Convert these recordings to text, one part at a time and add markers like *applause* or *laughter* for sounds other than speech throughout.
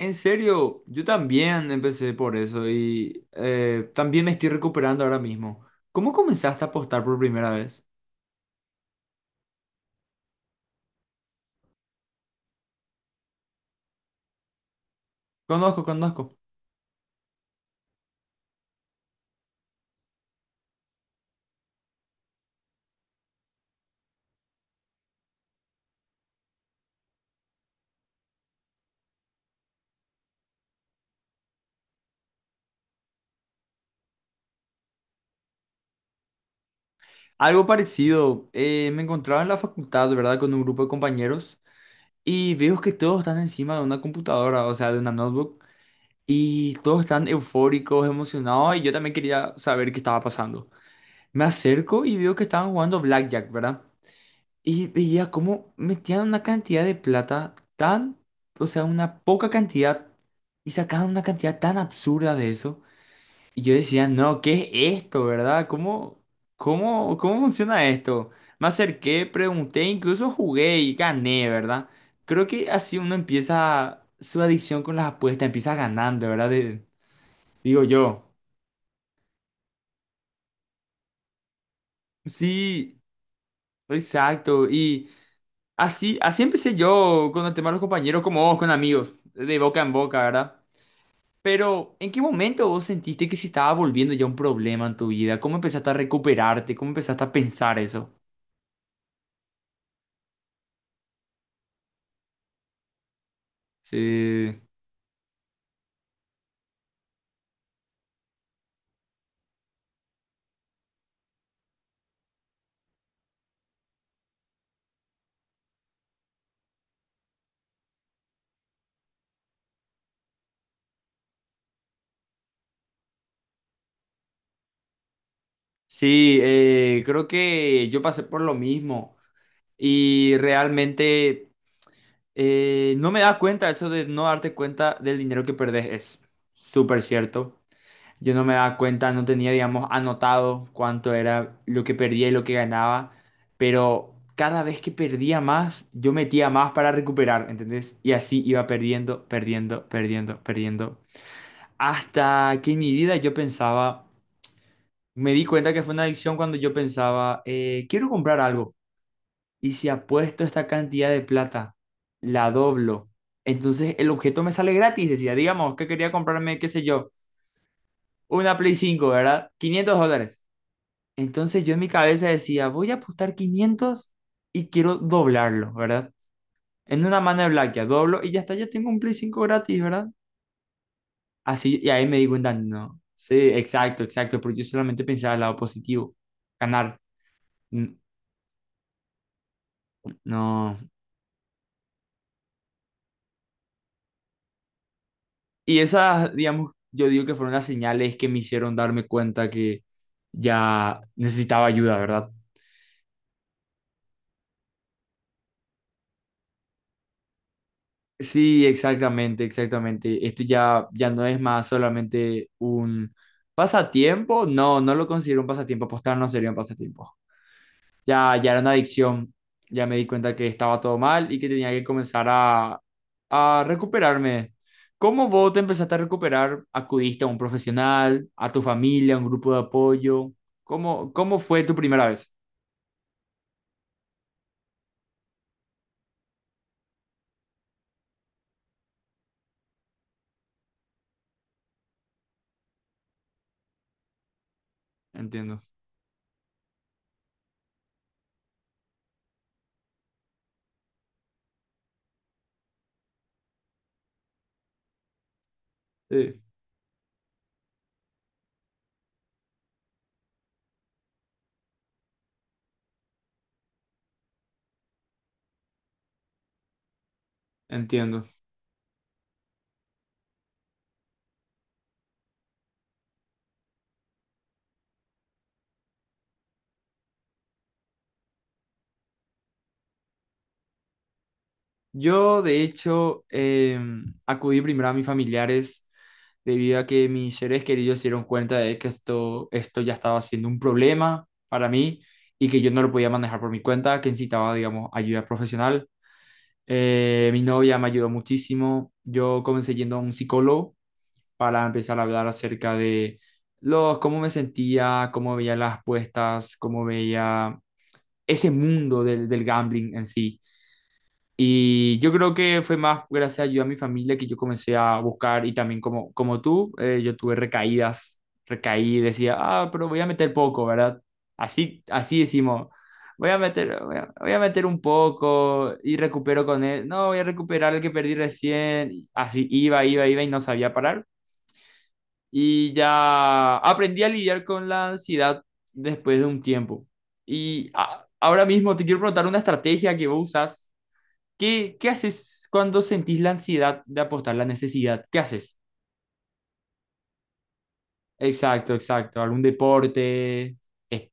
En serio, yo también empecé por eso y también me estoy recuperando ahora mismo. ¿Cómo comenzaste a apostar por primera vez? Conozco, conozco. Algo parecido, me encontraba en la facultad, ¿verdad? Con un grupo de compañeros y veo que todos están encima de una computadora, o sea, de una notebook, y todos están eufóricos, emocionados y yo también quería saber qué estaba pasando. Me acerco y veo que estaban jugando Blackjack, ¿verdad? Y veía cómo metían una cantidad de plata tan, o sea, una poca cantidad, y sacaban una cantidad tan absurda de eso. Y yo decía, no, ¿qué es esto, verdad? ¿Cómo, cómo funciona esto? Me acerqué, pregunté, incluso jugué y gané, ¿verdad? Creo que así uno empieza su adicción con las apuestas, empieza ganando, ¿verdad? Digo yo. Sí, exacto. Y así, así empecé yo con el tema de los compañeros, como vos, con amigos, de boca en boca, ¿verdad? Pero, ¿en qué momento vos sentiste que se estaba volviendo ya un problema en tu vida? ¿Cómo empezaste a recuperarte? ¿Cómo empezaste a pensar eso? Sí, sí, creo que yo pasé por lo mismo y realmente no me das cuenta eso de no darte cuenta del dinero que perdés, es súper cierto. Yo no me daba cuenta, no tenía, digamos, anotado cuánto era lo que perdía y lo que ganaba, pero cada vez que perdía más, yo metía más para recuperar, ¿entendés? Y así iba perdiendo, perdiendo, perdiendo, perdiendo. Hasta que en mi vida yo pensaba, me di cuenta que fue una adicción cuando yo pensaba, quiero comprar algo. Y si apuesto esta cantidad de plata, la doblo. Entonces el objeto me sale gratis, decía, digamos, que quería comprarme, qué sé yo, una Play 5, ¿verdad? 500 dólares. Entonces yo en mi cabeza decía, voy a apostar 500 y quiero doblarlo, ¿verdad? En una mano de Blackjack, doblo y ya está, ya tengo un Play 5 gratis, ¿verdad? Así, y ahí me di cuenta, no. Sí, exacto, exacto, porque yo solamente pensaba el lado positivo, ganar. N- No. Y esas, digamos, yo digo que fueron las señales que me hicieron darme cuenta que ya necesitaba ayuda, ¿verdad? Sí, exactamente, exactamente. Esto ya, ya no es más solamente un pasatiempo. No, no lo considero un pasatiempo. Apostar no sería un pasatiempo. Ya, ya era una adicción. Ya me di cuenta que estaba todo mal y que tenía que comenzar a recuperarme. ¿Cómo vos te empezaste a recuperar? ¿Acudiste a un profesional, a tu familia, a un grupo de apoyo? ¿Cómo, cómo fue tu primera vez? Entiendo. Sí, entiendo. Yo, de hecho, acudí primero a mis familiares debido a que mis seres queridos se dieron cuenta de que esto ya estaba siendo un problema para mí y que yo no lo podía manejar por mi cuenta, que necesitaba, digamos, ayuda profesional. Mi novia me ayudó muchísimo. Yo comencé yendo a un psicólogo para empezar a hablar acerca de los, cómo me sentía, cómo veía las apuestas, cómo veía ese mundo del, del gambling en sí y yo creo que fue más gracias a ayuda a mi familia que yo comencé a buscar y también como, como tú, yo tuve recaídas, recaí, decía, ah, pero voy a meter poco, ¿verdad? Así, así decimos, voy a meter, voy a, voy a meter un poco y recupero con él, no, voy a recuperar el que perdí recién, y así iba, iba, iba y no sabía parar. Y ya aprendí a lidiar con la ansiedad después de un tiempo. Y ahora mismo te quiero preguntar una estrategia que vos usas. ¿Qué, qué haces cuando sentís la ansiedad de apostar, la necesidad? ¿Qué haces? Exacto, exacto. ¿Algún deporte? Eh,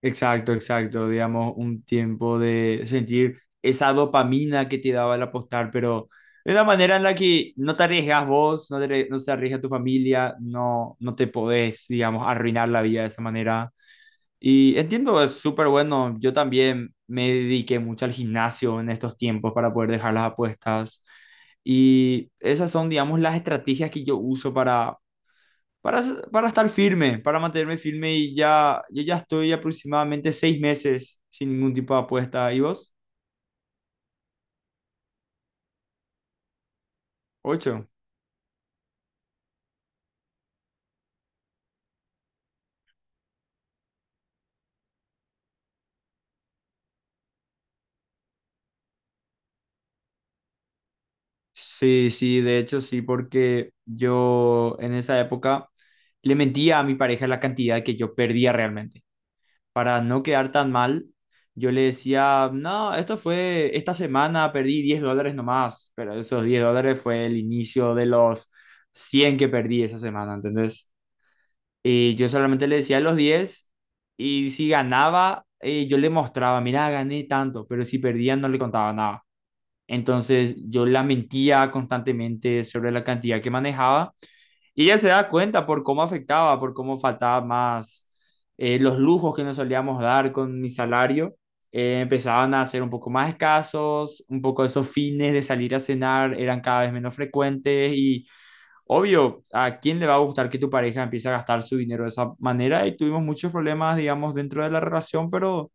Exacto, exacto. Digamos, un tiempo de sentir esa dopamina que te daba el apostar, pero de una manera en la que no te arriesgas vos, no te, no se arriesga tu familia, no, no te podés, digamos, arruinar la vida de esa manera. Y entiendo, es súper bueno. Yo también me dediqué mucho al gimnasio en estos tiempos para poder dejar las apuestas. Y esas son, digamos, las estrategias que yo uso para, para estar firme, para mantenerme firme. Y ya, yo ya estoy aproximadamente 6 meses sin ningún tipo de apuesta. ¿Y vos? ¿Ocho? Sí, sí, de hecho sí, porque yo en esa época le mentía a mi pareja la cantidad que yo perdía realmente, para no quedar tan mal. Yo le decía, no, esto fue, esta semana perdí 10 dólares nomás, pero esos 10 dólares fue el inicio de los 100 que perdí esa semana, ¿entendés? Y yo solamente le decía los 10 y si ganaba, yo le mostraba, mira, gané tanto, pero si perdía no le contaba nada. Entonces yo la mentía constantemente sobre la cantidad que manejaba y ella se da cuenta por cómo afectaba, por cómo faltaba más, los lujos que nos solíamos dar con mi salario empezaban a ser un poco más escasos, un poco esos fines de salir a cenar eran cada vez menos frecuentes y obvio, ¿a quién le va a gustar que tu pareja empiece a gastar su dinero de esa manera? Y tuvimos muchos problemas, digamos, dentro de la relación, pero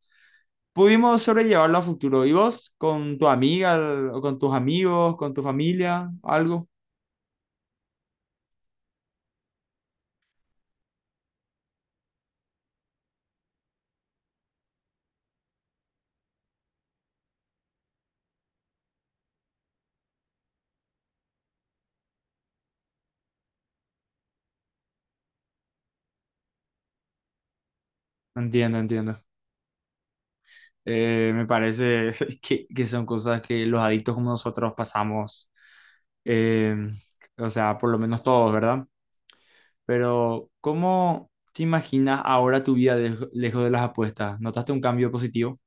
pudimos sobrellevarlo a futuro. ¿Y vos con tu amiga o con tus amigos, con tu familia, algo? Entiendo, entiendo. Me parece *laughs* que son cosas que los adictos como nosotros pasamos, eh, o sea, por lo menos todos, ¿verdad? Pero, ¿cómo te imaginas ahora tu vida lejos de las apuestas? ¿Notaste un cambio positivo?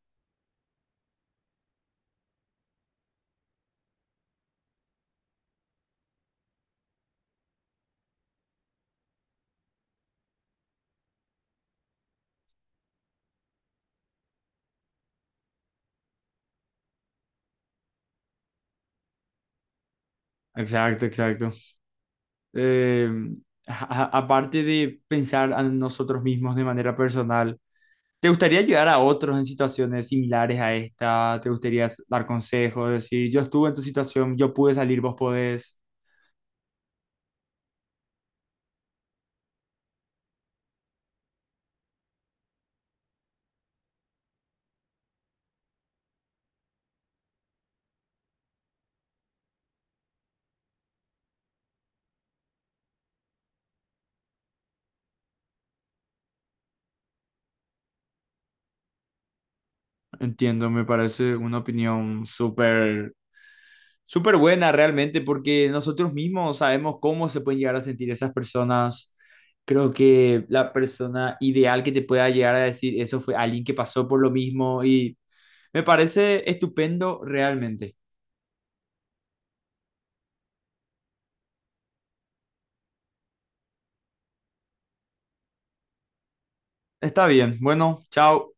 Exacto, exacto. Eh, aparte de pensar a nosotros mismos de manera personal, ¿te gustaría ayudar a otros en situaciones similares a esta? ¿Te gustaría dar consejos? Decir, yo estuve en tu situación, yo pude salir, vos podés. Entiendo, me parece una opinión súper, súper buena realmente, porque nosotros mismos sabemos cómo se pueden llegar a sentir esas personas. Creo que la persona ideal que te pueda llegar a decir eso fue alguien que pasó por lo mismo y me parece estupendo realmente. Está bien, bueno, chao.